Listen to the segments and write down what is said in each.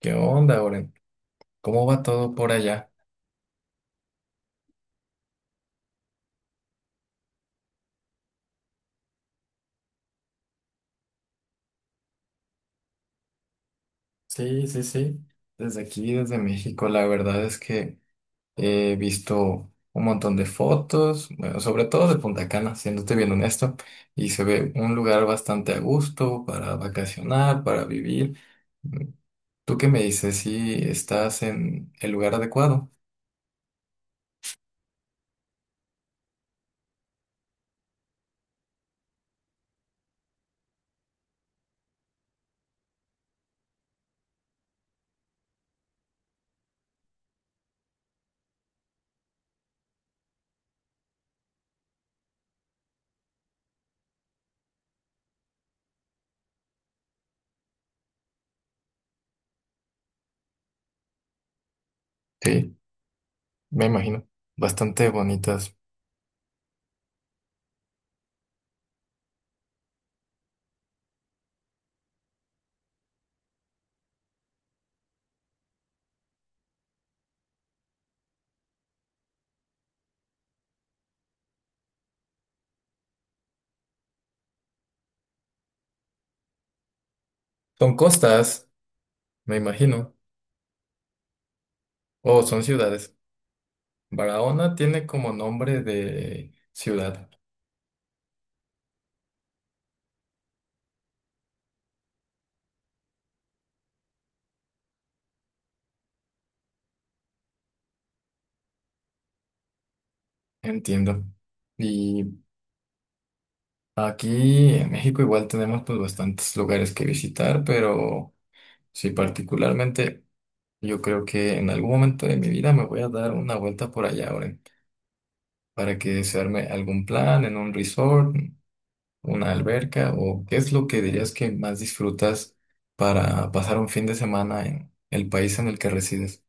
¿Qué onda, Oren? ¿Cómo va todo por allá? Sí, sí, sí. Desde aquí, desde México, la verdad es que he visto un montón de fotos, bueno, sobre todo de Punta Cana, siéndote bien honesto, y se ve un lugar bastante a gusto para vacacionar, para vivir. ¿Tú qué me dices? ¿Si ¿estás en el lugar adecuado? Sí, me imagino. Bastante bonitas. ¿Son costas, me imagino, o son ciudades? Barahona tiene como nombre de ciudad. Entiendo. Y aquí en México igual tenemos pues bastantes lugares que visitar, pero sí, particularmente yo creo que en algún momento de mi vida me voy a dar una vuelta por allá, Oren, para que se arme algún plan en un resort, una alberca. ¿O qué es lo que dirías que más disfrutas para pasar un fin de semana en el país en el que resides?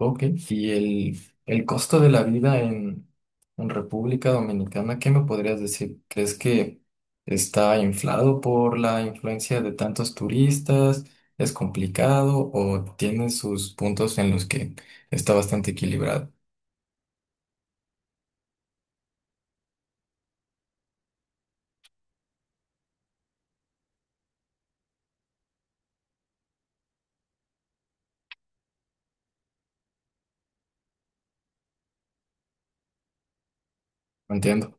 Ok, y el costo de la vida en República Dominicana, ¿qué me podrías decir? ¿Crees que está inflado por la influencia de tantos turistas? ¿Es complicado o tiene sus puntos en los que está bastante equilibrado? No entiendo.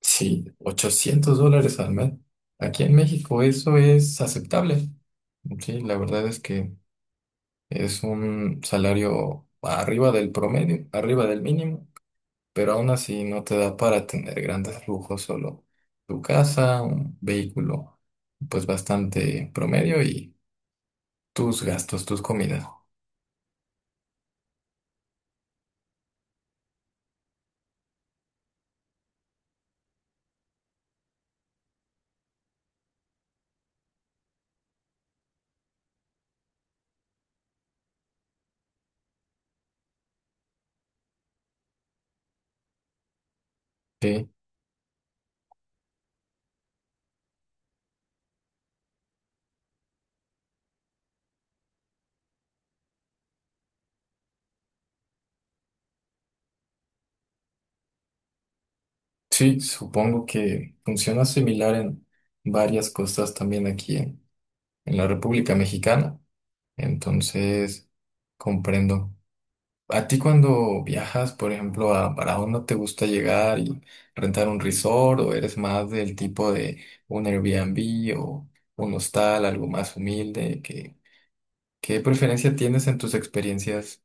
Sí, $800 al mes. Aquí en México eso es aceptable. Sí, la verdad es que es un salario arriba del promedio, arriba del mínimo. Pero aún así no te da para tener grandes lujos, solo tu casa, un vehículo, pues bastante promedio, y tus gastos, tus comidas. Sí, sí, supongo que funciona similar en varias costas también aquí en la República Mexicana, entonces comprendo. ¿A ti cuando viajas, por ejemplo, a Barahona, no te gusta llegar y rentar un resort, o eres más del tipo de un Airbnb o un hostal, algo más humilde? ¿Qué, qué preferencia tienes en tus experiencias?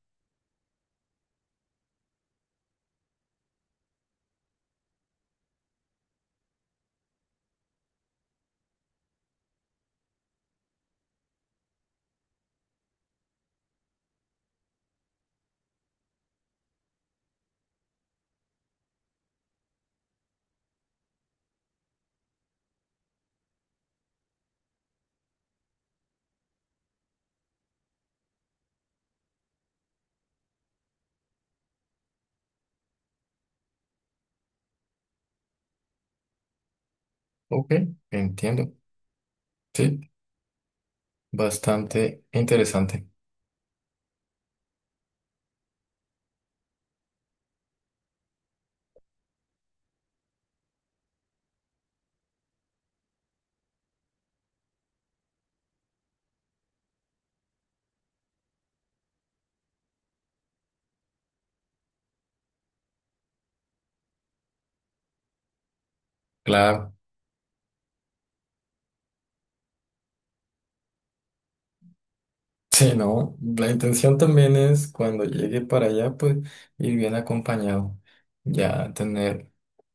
Ok, entiendo. Sí, bastante interesante. Claro. Sí, no, la intención también es cuando llegue para allá, pues ir bien acompañado, ya tener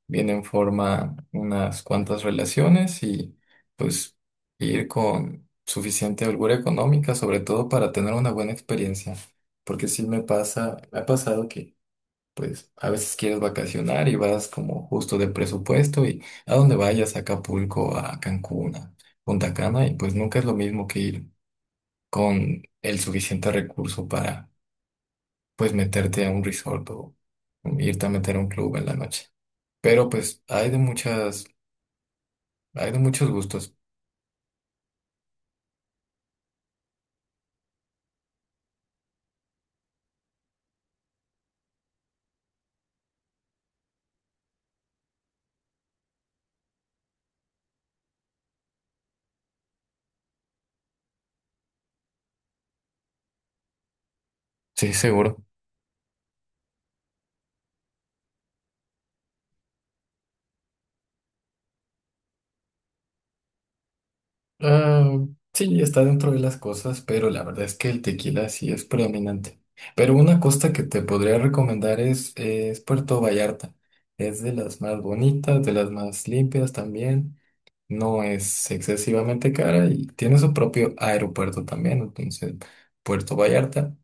bien en forma unas cuantas relaciones, y pues ir con suficiente holgura económica, sobre todo para tener una buena experiencia, porque sí me pasa, me ha pasado que pues a veces quieres vacacionar y vas como justo de presupuesto, y a donde vayas, a Acapulco, a Cancún, a Punta Cana, y pues nunca es lo mismo que ir con el suficiente recurso para pues meterte a un resort o irte a meter a un club en la noche. Pero pues hay de muchas, hay de muchos gustos. Sí, seguro. Ah, sí, está dentro de las cosas, pero la verdad es que el tequila sí es predominante. Pero una costa que te podría recomendar es Puerto Vallarta. Es de las más bonitas, de las más limpias también. No es excesivamente cara y tiene su propio aeropuerto también. Entonces, Puerto Vallarta.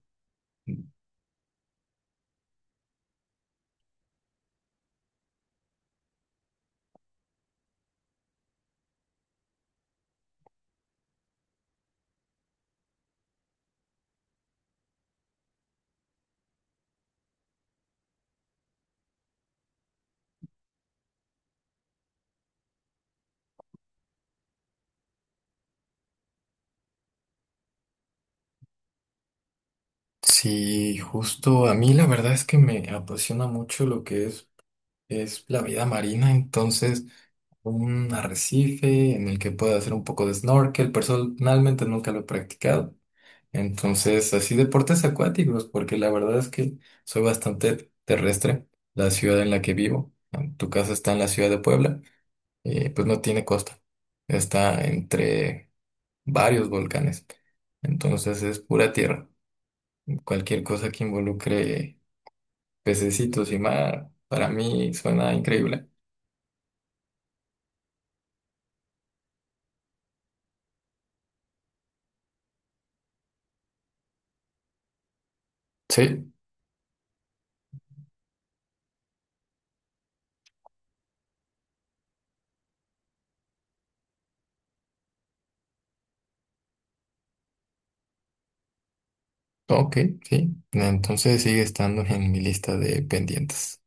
Sí, justo a mí la verdad es que me apasiona mucho lo que es la vida marina, entonces un arrecife en el que pueda hacer un poco de snorkel. Personalmente nunca lo he practicado. Entonces, así deportes acuáticos, porque la verdad es que soy bastante terrestre. La ciudad en la que vivo, en tu casa está en la ciudad de Puebla, pues no tiene costa. Está entre varios volcanes. Entonces es pura tierra. Cualquier cosa que involucre pececitos y mar, para mí suena increíble. Sí, ok, sí. Entonces sigue estando en mi lista de pendientes.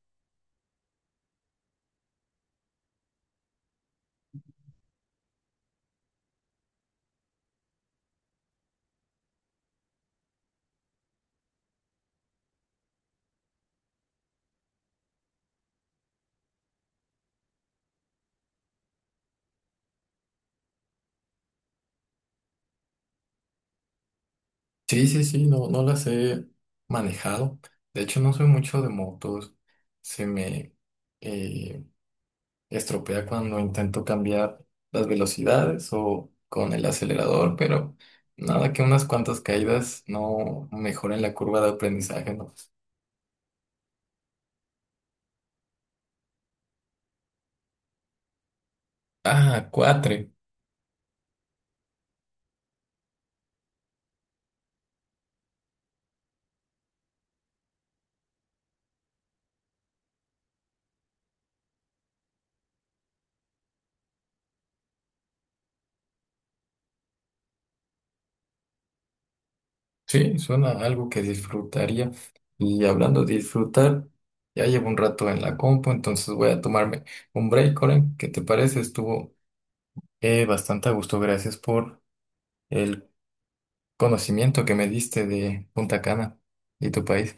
Sí, sí, sí, no, no las he manejado. De hecho, no soy mucho de motos. Se me eh, estropea cuando intento cambiar las velocidades o con el acelerador, pero nada que unas cuantas caídas no mejoren la curva de aprendizaje, ¿no? Ah, cuatre. Sí, suena a algo que disfrutaría. Y hablando de disfrutar, ya llevo un rato en la compu, entonces voy a tomarme un break, Oren. ¿Qué te parece? Estuvo bastante a gusto. Gracias por el conocimiento que me diste de Punta Cana y tu país.